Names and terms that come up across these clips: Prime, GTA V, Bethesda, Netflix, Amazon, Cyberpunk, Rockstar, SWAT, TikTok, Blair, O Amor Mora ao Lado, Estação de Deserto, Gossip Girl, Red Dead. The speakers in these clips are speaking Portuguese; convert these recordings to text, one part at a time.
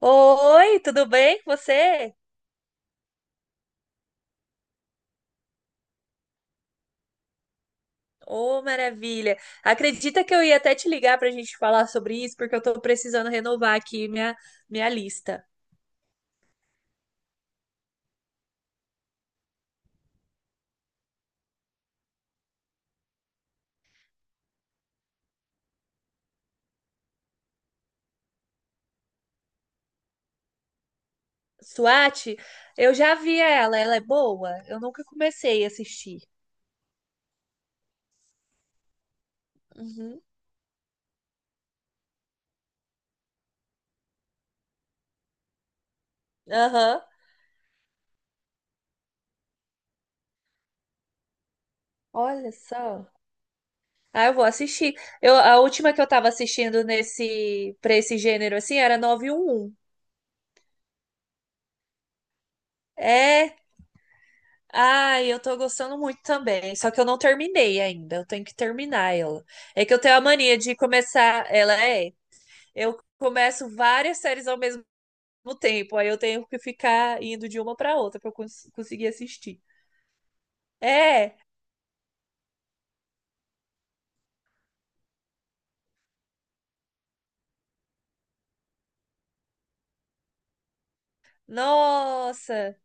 Oi, tudo bem com você? Ô, maravilha! Acredita que eu ia até te ligar para a gente falar sobre isso, porque eu tô precisando renovar aqui minha lista. SWAT, eu já vi ela, ela é boa? Eu nunca comecei a assistir. Uhum. Aham. Olha só. Ah, eu vou assistir. A última que eu tava assistindo para esse gênero assim era nove um um. É, ah, eu tô gostando muito também, só que eu não terminei ainda, eu tenho que terminar ela. É que eu tenho a mania de começar, eu começo várias séries ao mesmo tempo, aí eu tenho que ficar indo de uma pra outra pra eu conseguir assistir. É, nossa,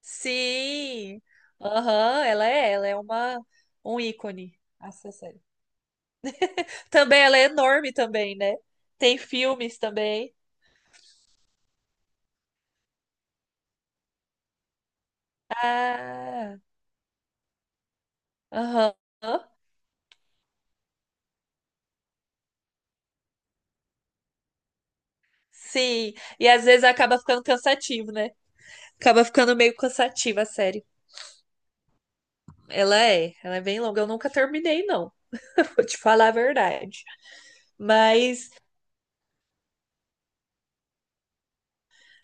sim. Aham, ela é uma um ícone essa série. Também ela é enorme também, né? Tem filmes também. Ah, aham. Sim, e às vezes acaba ficando cansativo, né? Acaba ficando meio cansativa a série. Ela é bem longa. Eu nunca terminei, não. Vou te falar a verdade. Mas,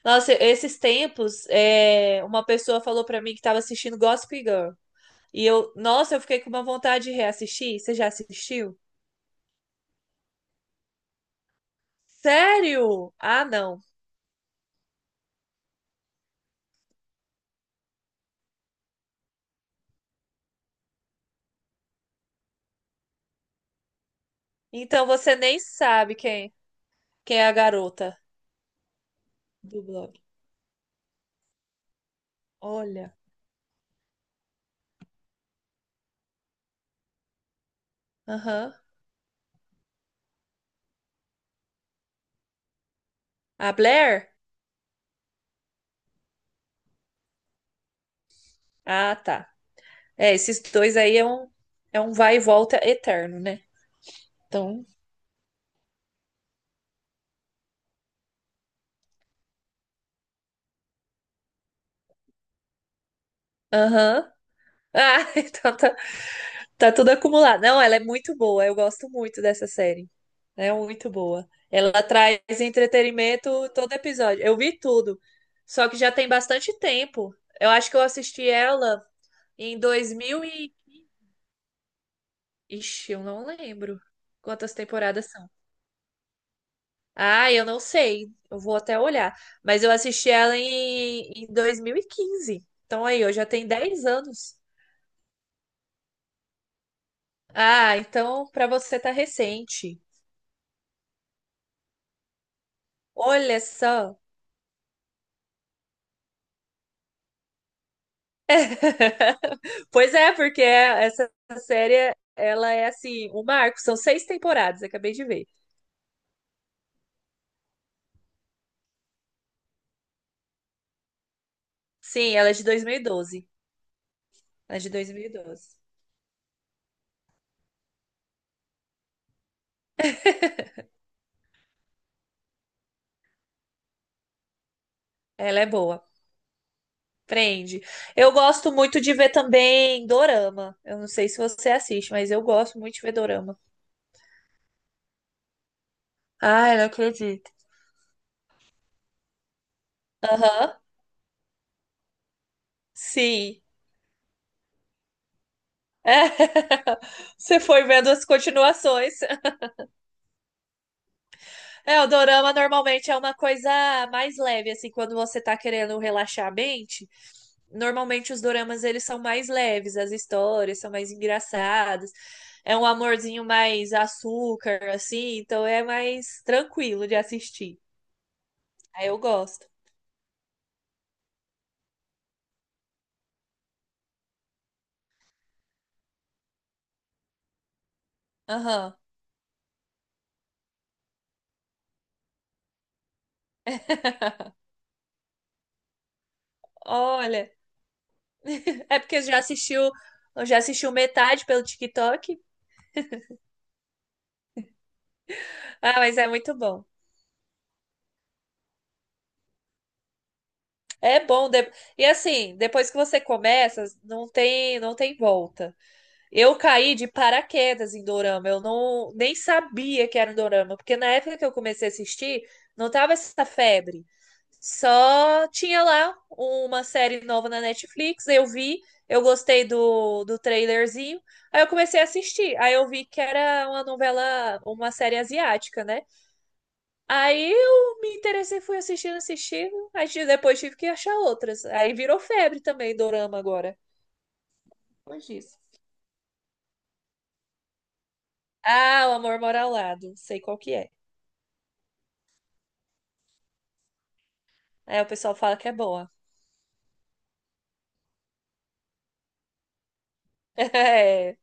nossa, esses tempos, é, uma pessoa falou pra mim que tava assistindo Gossip Girl. E eu, nossa, eu fiquei com uma vontade de reassistir. Você já assistiu? Sério? Ah, não. Então você nem sabe quem é a garota do blog. Olha. Aham. A Blair? Ah, tá. É, esses dois aí é um vai e volta eterno, né? Então, aham. Ah, então tá, tá tudo acumulado. Não, ela é muito boa, eu gosto muito dessa série. É muito boa. Ela traz entretenimento todo episódio. Eu vi tudo. Só que já tem bastante tempo. Eu acho que eu assisti ela em dois mil e... Ixi, eu não lembro quantas temporadas são. Ah, eu não sei. Eu vou até olhar. Mas eu assisti ela em 2015. Então aí, eu já tenho 10 anos. Ah, então pra você tá recente. Olha só. Pois é, porque essa série, ela é assim, um marco. São seis temporadas, acabei de ver. Sim, ela é de 2012. Ela é de 2012. Ela é boa. Prende. Eu gosto muito de ver também dorama. Eu não sei se você assiste, mas eu gosto muito de ver dorama. Ai, não acredito. Aham, sim. É. Você foi vendo as continuações. É, o dorama normalmente é uma coisa mais leve, assim, quando você tá querendo relaxar a mente. Normalmente os doramas eles são mais leves, as histórias são mais engraçadas. É um amorzinho mais açúcar, assim, então é mais tranquilo de assistir. Aí eu gosto. Aham. Olha, é porque já assistiu metade pelo TikTok? Ah, mas é muito bom. É bom. E assim, depois que você começa, não tem volta. Eu caí de paraquedas em dorama. Eu não nem sabia que era um dorama, porque na época que eu comecei a assistir, não tava essa febre. Só tinha lá uma série nova na Netflix, eu vi, eu gostei do trailerzinho, aí eu comecei a assistir. Aí eu vi que era uma novela, uma série asiática, né? Aí eu me interessei, fui assistindo, assistindo. Aí depois tive que achar outras. Aí virou febre também, dorama agora. Depois disso. Ah, O Amor Mora ao Lado. Sei qual que é. Aí o pessoal fala que é boa. É,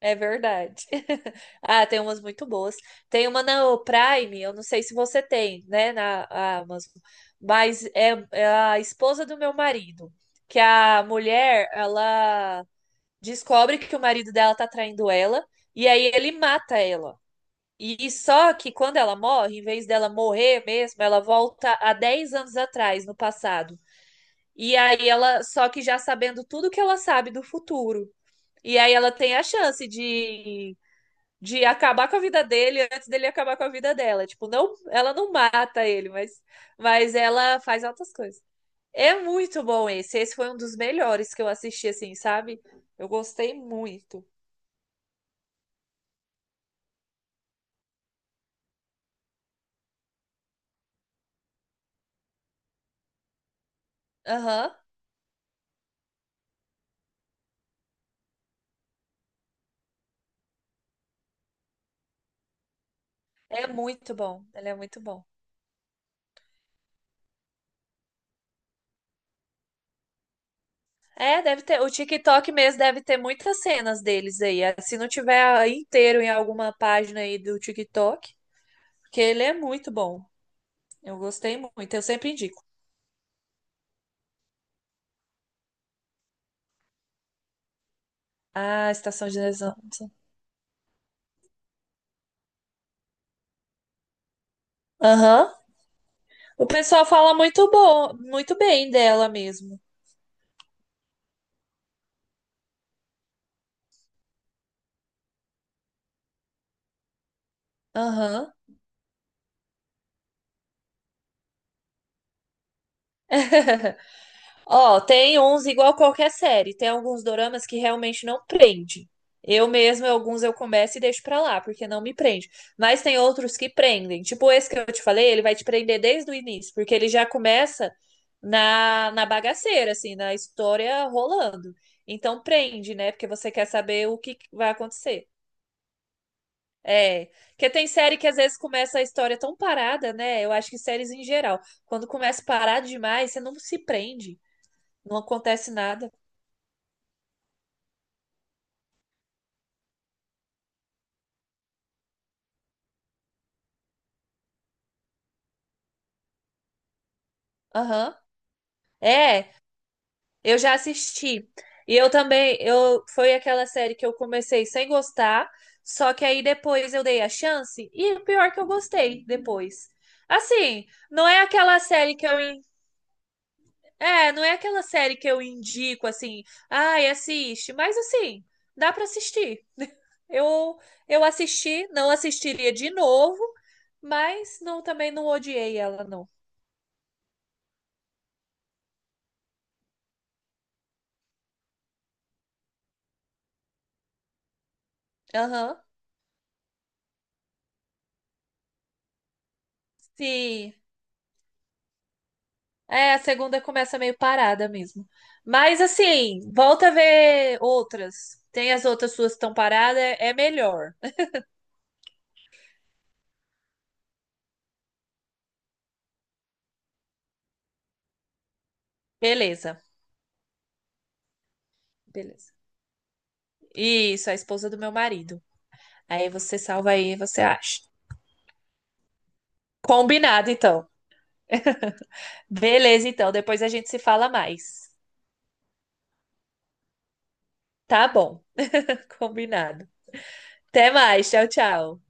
é verdade. Ah, tem umas muito boas. Tem uma na Prime, eu não sei se você tem, né, na Amazon. Mas é, é a esposa do meu marido. Que a mulher, ela descobre que o marido dela tá traindo ela. E aí ele mata ela. E só que quando ela morre, em vez dela morrer mesmo, ela volta a 10 anos atrás, no passado. E aí ela, só que já sabendo tudo que ela sabe do futuro. E aí ela tem a chance de acabar com a vida dele antes dele acabar com a vida dela. Tipo, não, ela não mata ele, mas, ela faz outras coisas. É muito bom esse. Esse foi um dos melhores que eu assisti, assim, sabe? Eu gostei muito. Aham. É muito bom. Ele é muito bom. É, deve ter. O TikTok mesmo deve ter muitas cenas deles aí. Ah, se não tiver inteiro em alguma página aí do TikTok, porque ele é muito bom. Eu gostei muito, eu sempre indico. Ah, Estação de Deserto. Aham. O pessoal fala muito bom, muito bem dela mesmo. Aham. Ó, tem uns igual qualquer série. Tem alguns doramas que realmente não prende. Eu mesma, alguns eu começo e deixo pra lá, porque não me prende. Mas tem outros que prendem. Tipo esse que eu te falei, ele vai te prender desde o início, porque ele já começa na bagaceira, assim, na história rolando. Então prende, né? Porque você quer saber o que vai acontecer. É, porque tem série que às vezes começa a história tão parada, né? Eu acho que séries em geral, quando começa parado demais, você não se prende, não acontece nada. Aham. É, eu já assisti. E eu também, eu foi aquela série que eu comecei sem gostar, só que aí depois eu dei a chance e o pior que eu gostei depois. Assim, não é aquela série que eu, é, não é aquela série que eu indico assim, ai, assiste, mas assim, dá pra assistir. Eu eu assisti, não assistiria de novo, mas não também não odiei ela não. Aham. Sim. É, a segunda começa meio parada mesmo. Mas assim, volta a ver outras. Tem as outras suas que estão paradas, é melhor. Beleza, beleza. Isso, a esposa do meu marido. Aí você salva aí, você acha. Combinado, então. Beleza, então. Depois a gente se fala mais. Tá bom. Combinado. Até mais. Tchau, tchau.